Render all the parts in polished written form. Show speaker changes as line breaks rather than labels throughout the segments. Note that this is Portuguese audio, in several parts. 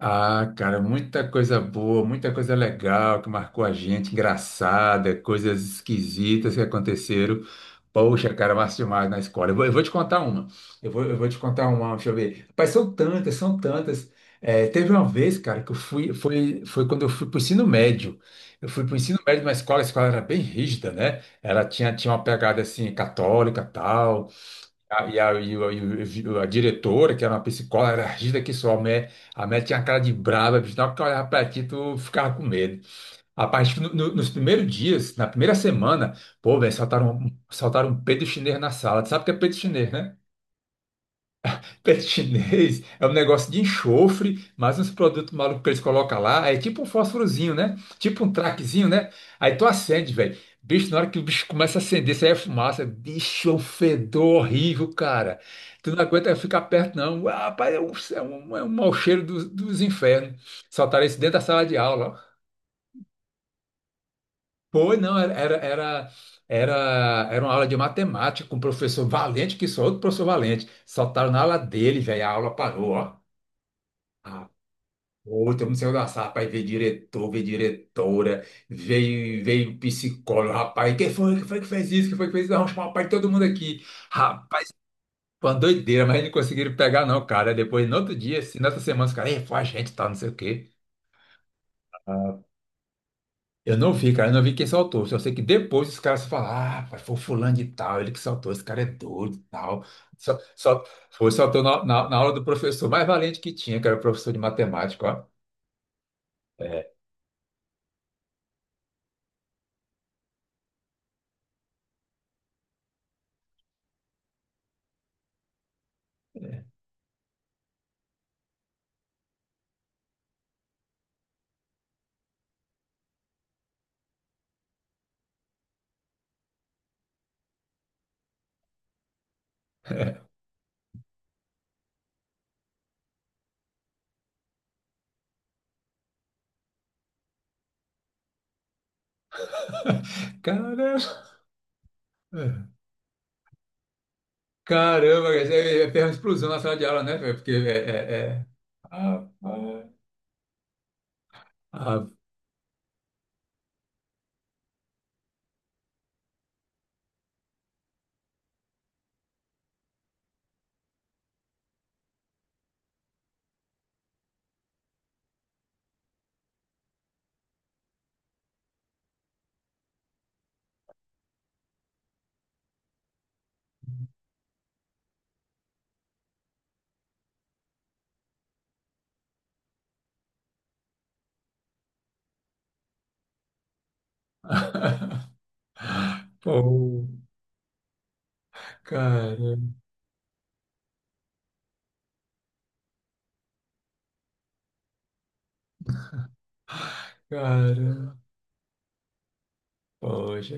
Ah, cara, muita coisa boa, muita coisa legal que marcou a gente, engraçada, coisas esquisitas que aconteceram. Poxa, cara, massa demais na escola. Eu vou te contar uma. Eu vou te contar uma, deixa eu ver. Rapaz, são tantas, são tantas. É, teve uma vez, cara, que foi quando eu fui para o ensino médio. Eu fui para o ensino médio numa escola, a escola era bem rígida, né? Ela tinha uma pegada assim, católica, tal. A, e o- a diretora, que era uma psicóloga, era rígida que só, a mulher tinha uma cara de brava, bicho, na hora que eu olhava pra ti, tu ficava com medo. Rapaz, acho que nos primeiros dias, na primeira semana, pô, velho, soltaram um peido chinês na sala. Tu sabe o que é peido chinês, né? Pet chinês é um negócio de enxofre, mas uns produtos malucos que eles colocam lá. É tipo um fósforozinho, né? Tipo um traquezinho, né? Aí tu acende, velho. Bicho, na hora que o bicho começa a acender, isso aí é fumaça. Bicho, é um fedor horrível, cara. Tu não aguenta ficar perto, não. Ah, rapaz, é um mau cheiro dos infernos. Soltaram isso dentro da sala de aula, ó. Foi, não, era uma aula de matemática com o professor Valente, que só outro professor Valente. Soltaram na aula dele, velho. A aula parou, ó. Outro não saiu da sala, rapaz, veio diretor, veio diretora, veio psicólogo, rapaz, quem foi que fez isso, quem foi que fez isso, vamos chamar o pai de todo mundo aqui. Rapaz, foi uma doideira, mas não conseguiram pegar não, cara. Depois, no outro dia, assim, nessa semana, os caras, "Ei, foi a gente, tá, não sei o quê." Eu não vi, cara, eu não vi quem soltou, só sei que depois os caras falaram, ah, rapaz, foi o fulano de tal, ele que soltou, esse cara é doido e tal. Só, foi, soltou na aula do professor mais valente que tinha, que era o professor de matemática, ó. É. É. Caramba! Caramba, cara, isso é uma explosão na sala de aula, né, velho? Porque é... Ah, ah, ah. Pô, caramba, caramba, poxa.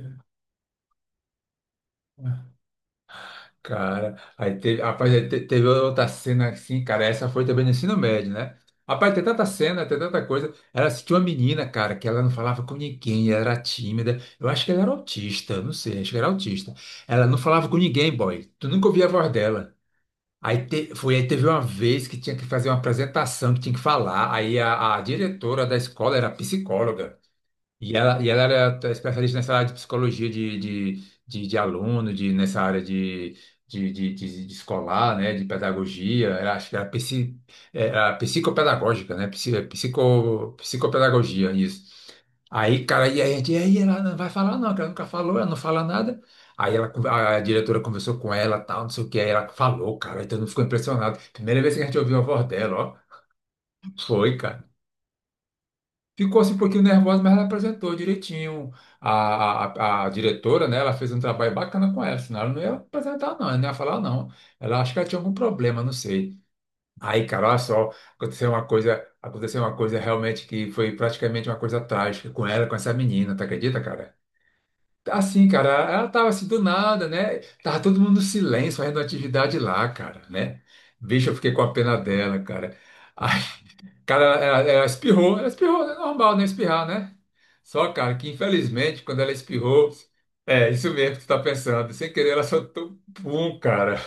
Cara, aí teve, rapaz, aí teve outra cena assim, cara, essa foi também no ensino médio, né? Rapaz, tem tanta cena, tem tanta coisa. Ela assistiu uma menina, cara, que ela não falava com ninguém, ela era tímida. Eu acho que ela era autista, eu não sei, acho que era autista. Ela não falava com ninguém, boy. Tu nunca ouvia a voz dela. Aí teve uma vez que tinha que fazer uma apresentação, que tinha que falar. Aí a diretora da escola era psicóloga. E ela era especialista nessa área de psicologia de aluno, nessa área de escolar, né, de pedagogia, era, acho que era, era psicopedagógica, né, psicopedagogia, isso. Aí, cara, e aí ela não vai falar não, que ela nunca falou, ela não fala nada. Aí a diretora conversou com ela, tal, não sei o que, aí ela falou, cara, então não ficou impressionado. Primeira vez que a gente ouviu a voz dela, ó, foi, cara. Ficou assim um pouquinho nervosa, mas ela apresentou direitinho. A diretora, né, ela fez um trabalho bacana com ela, senão ela não ia apresentar, não, ela não ia falar, não. Ela acho que ela tinha algum problema, não sei. Aí, cara, olha só, aconteceu uma coisa realmente que foi praticamente uma coisa trágica com ela, com essa menina, tu acredita, cara? Assim, cara, ela tava assim do nada, né? Tava todo mundo no silêncio, fazendo atividade lá, cara, né? Bicho, eu fiquei com a pena dela, cara. Cara, ela espirrou, ela espirrou, é normal não espirrar, né? Só, cara, que infelizmente, quando ela espirrou, é isso mesmo que tu tá pensando. Sem querer, ela soltou um pum, cara.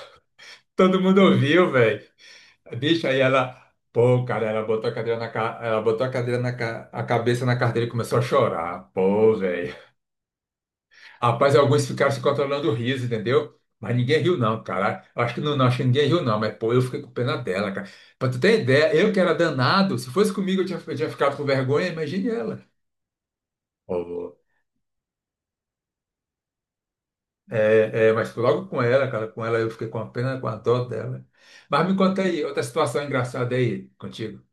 Todo mundo ouviu, velho. Bicho, aí ela, pô, cara, ela botou a cadeira na ca- a cabeça na carteira e começou a chorar. Pô, velho. Rapaz, alguns ficaram se controlando o riso, entendeu? Mas ninguém riu, não, cara. Eu acho que não, não, acho que ninguém riu, não. Mas, pô, eu fiquei com pena dela, cara. Pra tu ter ideia, eu que era danado, se fosse comigo eu tinha ficado com vergonha, imagine ela. Pô, é, é, mas logo com ela, cara, com ela eu fiquei com a pena, com a dor dela. Mas me conta aí, outra situação engraçada aí contigo.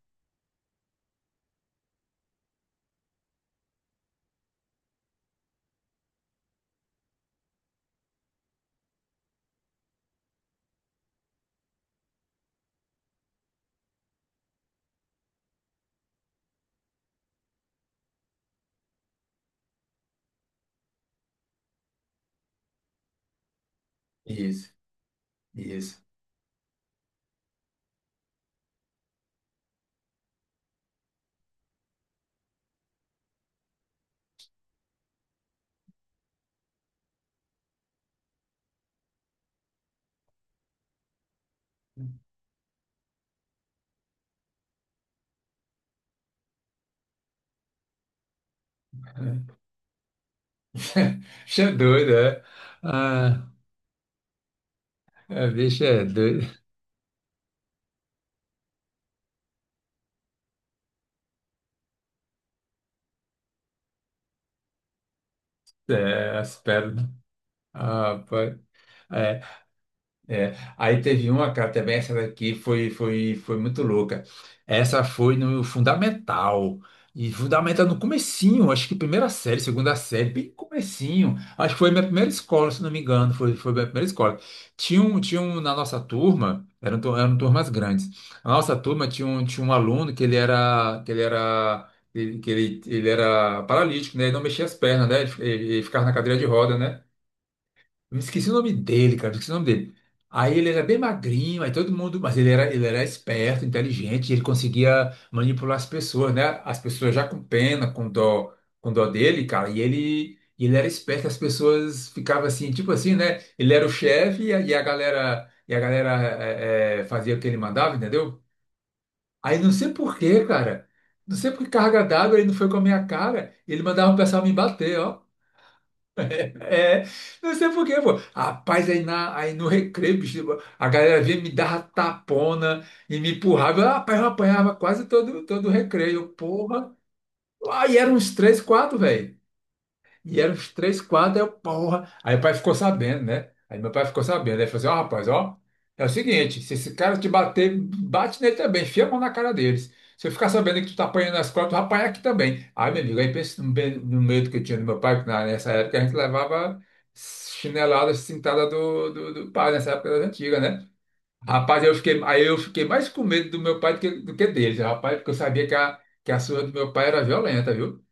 Isso, isso. Bicho é doido, é? Ah, é, bicho é doido. É, as pernas. Ah, rapaz. É, é, aí teve uma, cara, também essa daqui foi muito louca. Essa foi no Fundamental. E Fundamental no comecinho, acho que primeira série, segunda série, bem comecinho. Acho que foi minha primeira escola, se não me engano, foi minha primeira escola. Tinha um na nossa turma, eram turmas grandes. Na nossa turma tinha um aluno que ele era paralítico, né? Ele não mexia as pernas, né? Ele ficava na cadeira de roda, né? Eu me esqueci o nome dele, cara, eu esqueci o nome dele. Aí ele era bem magrinho, aí todo mundo, mas ele era esperto, inteligente, e ele conseguia manipular as pessoas, né? As pessoas já com pena, com dó dele, cara, e e ele era esperto, as pessoas ficavam assim, tipo assim, né? Ele era o chefe e a galera fazia o que ele mandava, entendeu? Aí não sei por quê, cara, não sei por que carga d'água ele não foi com a minha cara, ele mandava o pessoal me bater, ó. É, não sei por quê, pô. Rapaz, aí no recreio, bicho, a galera vinha me dava tapona e me empurrava. Rapaz, eu apanhava quase todo o recreio. Porra. Aí eram uns três, quatro, velho. E eram os três quadros, aí eu, porra. Aí meu pai ficou sabendo, né? Aí meu pai ficou sabendo. Aí ele falou assim: ó, rapaz, ó, é o seguinte, se esse cara te bater, bate nele também, enfia a mão na cara deles. Se eu ficar sabendo que tu tá apanhando na escola, tu vai apanhar aqui também. Aí, meu amigo, aí pensa no medo que eu tinha do meu pai, que nessa época a gente levava chinelada, cintada do pai, nessa época das antigas, né? Rapaz, eu fiquei mais com medo do meu pai do que deles, rapaz, porque eu sabia que a surra do meu pai era violenta, viu?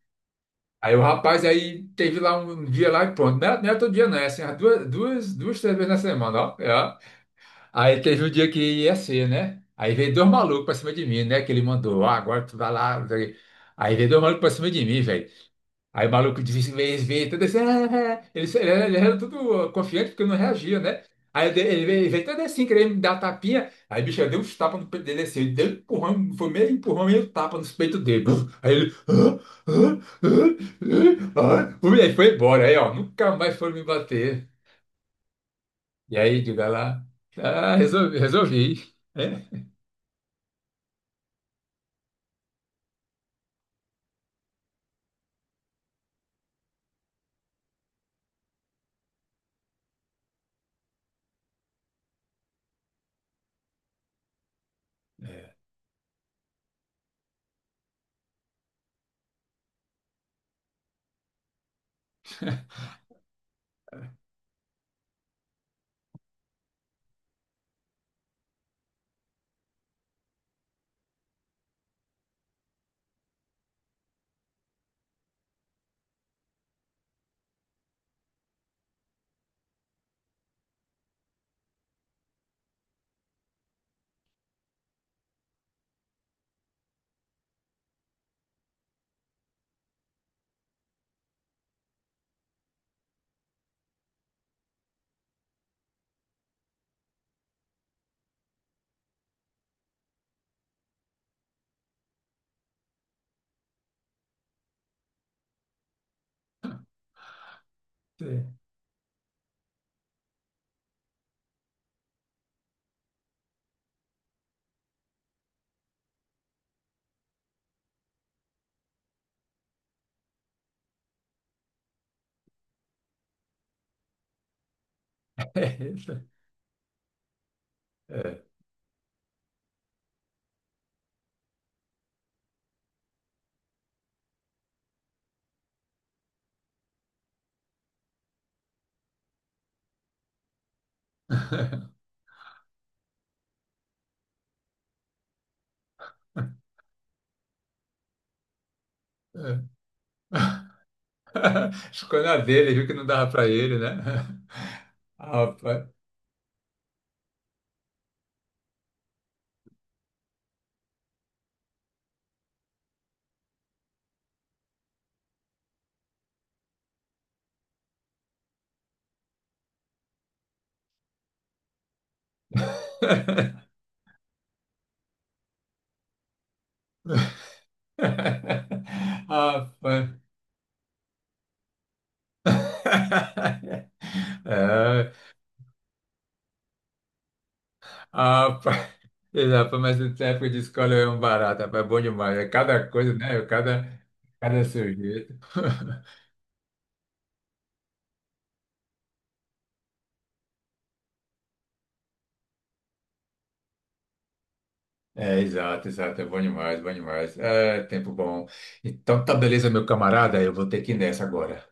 Aí o rapaz aí teve lá um dia lá e pronto. Não era todo dia, não, é assim, umas duas, três vezes na semana, ó. É, ó. Aí teve o dia que ia ser, né? Aí veio dois malucos pra cima de mim, né? Que ele mandou, ah, agora tu vai lá. Aí veio dois malucos pra cima de mim, velho. Aí o maluco disse, veio, todo assim, "Ah", ele era todo confiante porque não reagia, né? Aí ele veio todo assim, querendo me dar tapinha. Aí, bicho, eu dei uns tapas no peito dele assim, ele deu um empurrão, foi meio empurrão, meio tapa nos peitos dele. Buf! Aí ele, ah, ah, ah, ah, ah. E aí foi embora, aí ó, nunca mais foram me bater. E aí, diga lá, ah, resolvi, resolvi. É, é, é, é. É. Escolha dele, viu que não dava para ele, né? Ah, rapaz. Ah, rapaz. É, ah, rapaz. Rapaz, mas essa época de escola é um barato, rapaz, é bom demais. É cada coisa, né? É cada sujeito. É, exato, exato. É bom demais, bom demais. É, tempo bom. Então tá beleza, meu camarada. Eu vou ter que ir nessa agora.